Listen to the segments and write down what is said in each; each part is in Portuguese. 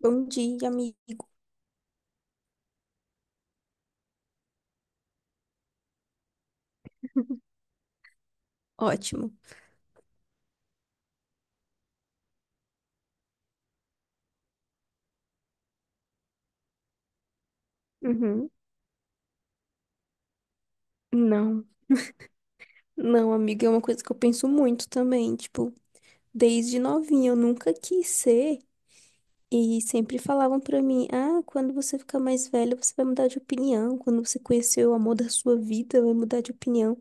Bom dia, amigo. Ótimo. Uhum. Não. Não, amiga, é uma coisa que eu penso muito também. Tipo, desde novinha eu nunca quis ser. E sempre falavam pra mim: ah, quando você ficar mais velha, você vai mudar de opinião. Quando você conhecer o amor da sua vida, vai mudar de opinião.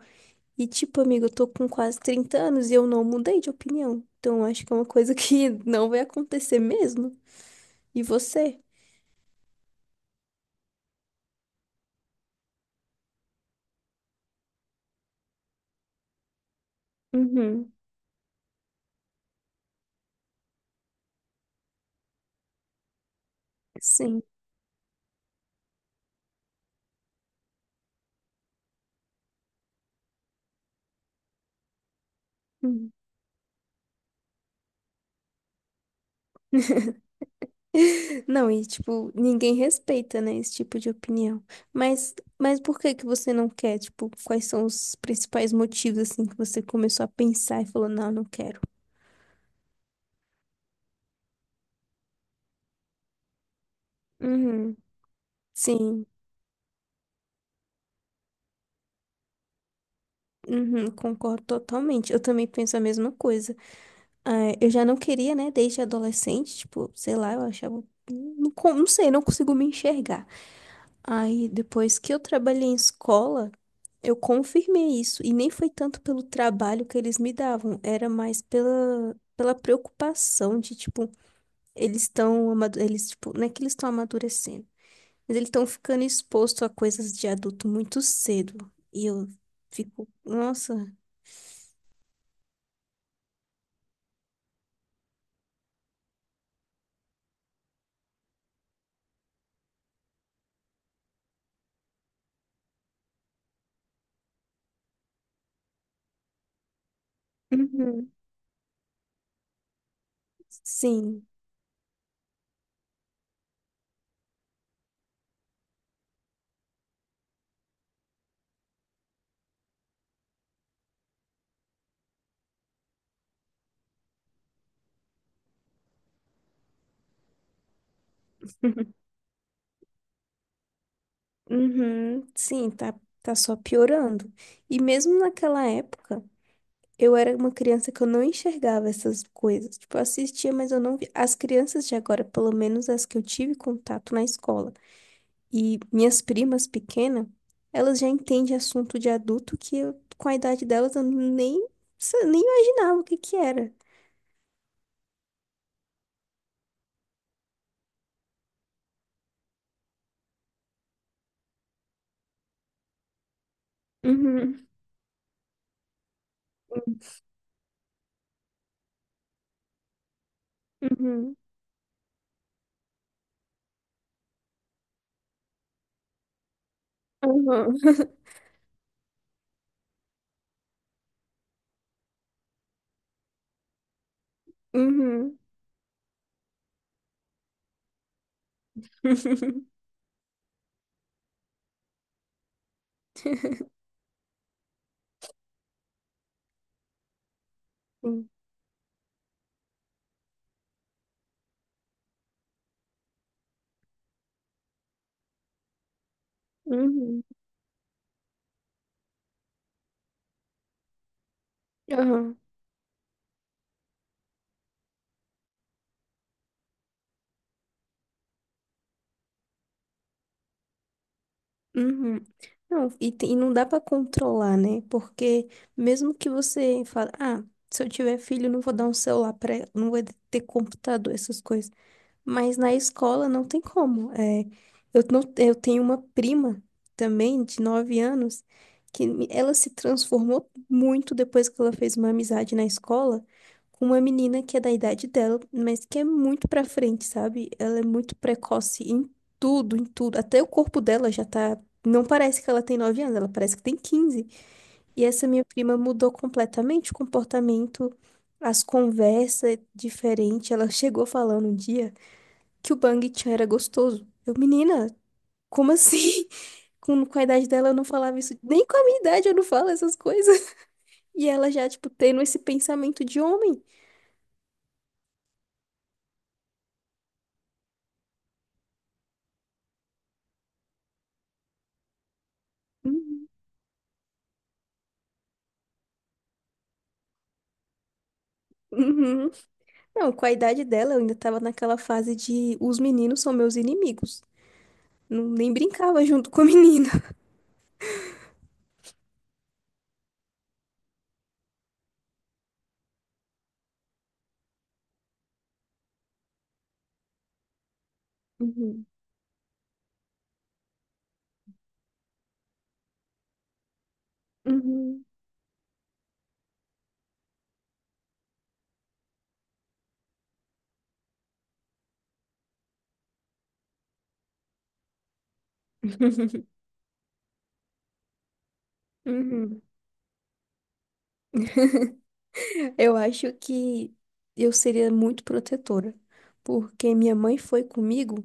E, tipo, amiga, eu tô com quase 30 anos e eu não mudei de opinião. Então, eu acho que é uma coisa que não vai acontecer mesmo. E você? Uhum. Sim. Uhum. Não, e tipo, ninguém respeita, né, esse tipo de opinião. Mas por que que você não quer? Tipo, quais são os principais motivos, assim, que você começou a pensar e falou, não, não quero. Uhum, sim, uhum, concordo totalmente. Eu também penso a mesma coisa. Ah, eu já não queria, né, desde adolescente, tipo, sei lá, eu achava, não, não sei, não consigo me enxergar. Aí, depois que eu trabalhei em escola, eu confirmei isso. E nem foi tanto pelo trabalho que eles me davam, era mais pela preocupação de, tipo, tipo, não é que eles estão amadurecendo, mas eles estão ficando expostos a coisas de adulto muito cedo. E eu fico, nossa. Uhum. Sim. Uhum, sim, tá só piorando. E mesmo naquela época. Eu era uma criança que eu não enxergava essas coisas. Tipo, eu assistia, mas eu não via. As crianças de agora, pelo menos as que eu tive contato na escola, e minhas primas pequenas, elas já entendem assunto de adulto que eu, com a idade delas, eu nem, nem imaginava o que que era. Uhum, uhum, uhum, uhum. Sim, uhum, aham. Uhum. Não, e, e não dá pra controlar, né? Porque mesmo que você fale, ah, se eu tiver filho, eu não vou dar um celular pra ela, não vou ter computador, essas coisas. Mas na escola não tem como. É, eu, não, eu tenho uma prima também, de 9 anos, que ela se transformou muito depois que ela fez uma amizade na escola com uma menina que é da idade dela, mas que é muito pra frente, sabe? Ela é muito precoce em tudo, em tudo. Até o corpo dela já tá. Não parece que ela tem 9 anos, ela parece que tem 15. E essa minha prima mudou completamente o comportamento, as conversas diferentes. Ela chegou falando um dia que o Bang Chan era gostoso. Eu, menina, como assim? Com a idade dela eu não falava isso. Nem com a minha idade eu não falo essas coisas. E ela já, tipo, tendo esse pensamento de homem. Uhum. Uhum. Não, com a idade dela eu ainda tava naquela fase de os meninos são meus inimigos. Não, nem brincava junto com a menina. Uhum. Uhum. Uhum. Eu acho que eu seria muito protetora, porque minha mãe foi comigo.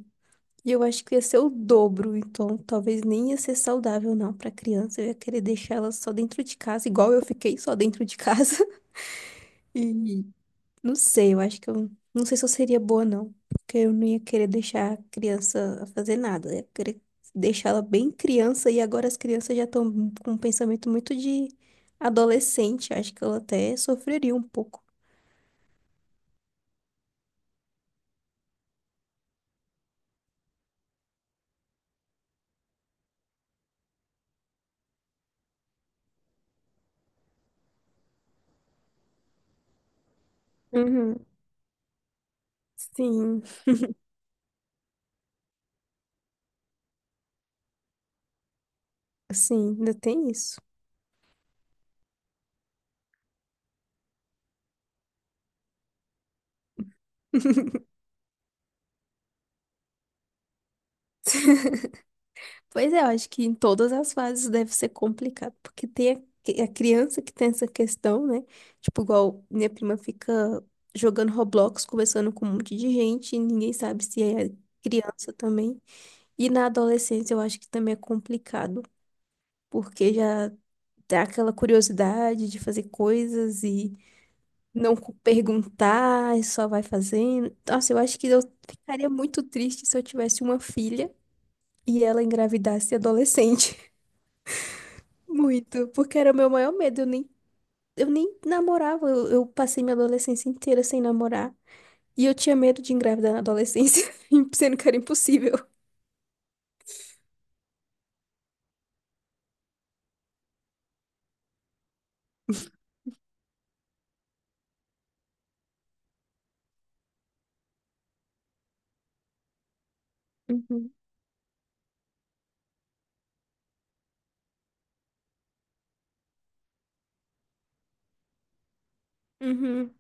E eu acho que ia ser o dobro, então talvez nem ia ser saudável não para criança. Eu ia querer deixar ela só dentro de casa, igual eu fiquei só dentro de casa. E não sei, eu acho que eu não sei se eu seria boa não, porque eu não ia querer deixar a criança fazer nada. Eu ia querer deixar ela bem criança e agora as crianças já estão com um pensamento muito de adolescente. Acho que ela até sofreria um pouco. Uhum. Sim, sim, ainda tem isso. Pois é, eu acho que em todas as fases deve ser complicado, porque tem a criança que tem essa questão, né? Tipo, igual minha prima fica jogando Roblox, conversando com um monte de gente, e ninguém sabe se é criança também. E na adolescência eu acho que também é complicado, porque já dá aquela curiosidade de fazer coisas e não perguntar, e só vai fazendo. Nossa, eu acho que eu ficaria muito triste se eu tivesse uma filha e ela engravidasse adolescente. Muito, porque era o meu maior medo. Eu nem namorava. Eu passei minha adolescência inteira sem namorar. E eu tinha medo de engravidar na adolescência, sendo que era impossível. Uhum. Uhum.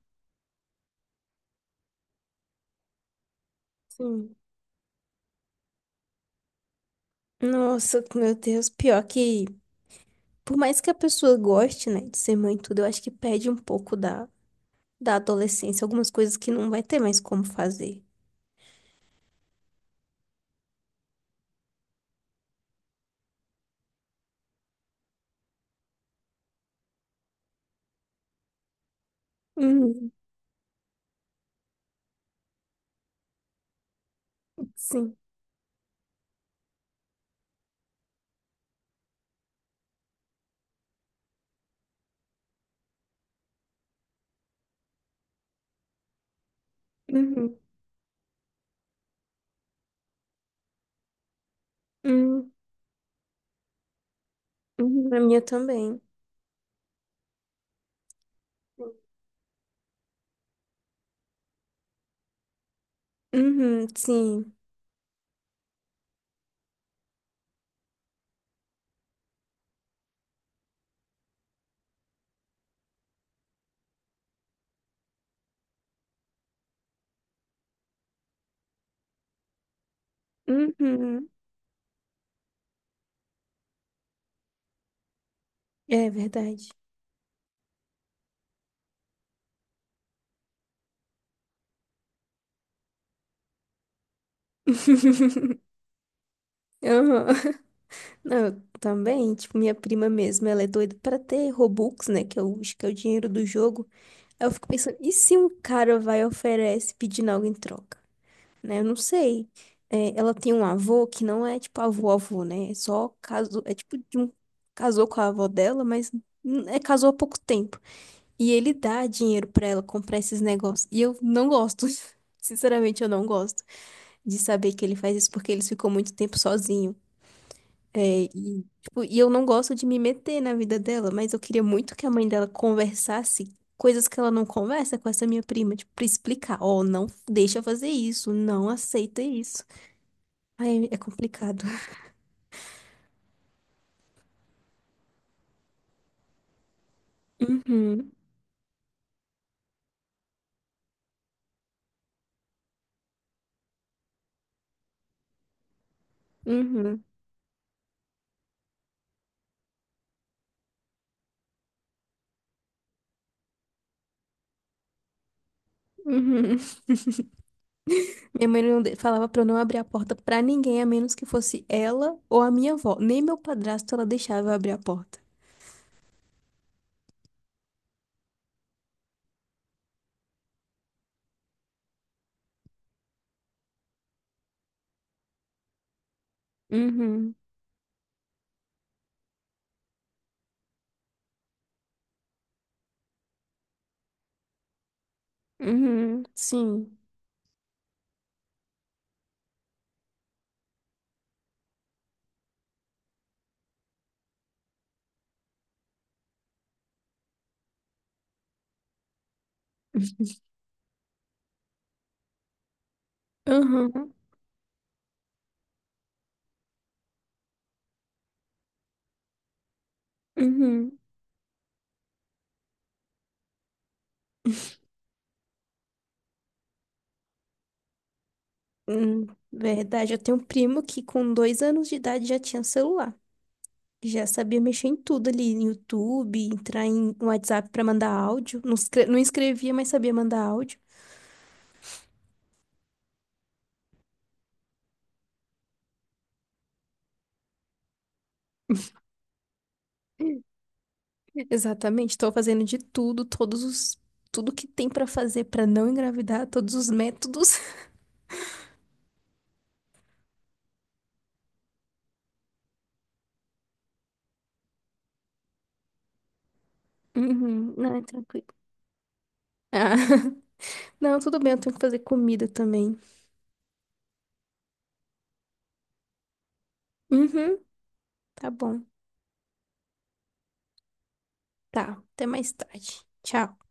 Sim. Nossa, meu Deus, pior que, por mais que a pessoa goste, né, de ser mãe e tudo, eu acho que perde um pouco da adolescência, algumas coisas que não vai ter mais como fazer. Uhum, sim. Uhum, uhum, uhum, a minha também. Uhum, sim. Uhum, é verdade. Aham. Não, eu também, tipo, minha prima mesmo, ela é doida pra ter Robux, né, que é o, acho que é o dinheiro do jogo. Aí eu fico pensando, e se um cara vai e oferece pedindo algo em troca? Né? Eu não sei. É, ela tem um avô que não é tipo avô-avô, né? É só casou, é tipo de um casou com a avó dela, mas é casou há pouco tempo. E ele dá dinheiro pra ela comprar esses negócios. E eu não gosto. Sinceramente, eu não gosto de saber que ele faz isso porque ele ficou muito tempo sozinho. É, e, tipo, e eu não gosto de me meter na vida dela, mas eu queria muito que a mãe dela conversasse coisas que ela não conversa com essa minha prima, tipo, pra explicar, ó, não deixa fazer isso, não aceita isso. Ai, é complicado. Uhum, uhum, uhum. Minha mãe não falava pra eu não abrir a porta pra ninguém, a menos que fosse ela ou a minha avó. Nem meu padrasto ela deixava eu abrir a porta. Uhum, uhum, sim. Uhum, uhum. Hum, Verdade, eu tenho um primo que com 2 anos de idade já tinha celular. Já sabia mexer em tudo ali, no YouTube, entrar no WhatsApp pra mandar áudio. Não, não escrevia, mas sabia mandar áudio. Exatamente, estou fazendo de tudo, todos os tudo que tem pra fazer pra não engravidar, todos os métodos. Uhum, não, é tranquilo. Ah, não, tudo bem, eu tenho que fazer comida também. Uhum, tá bom. Tá, até mais tarde. Tchau.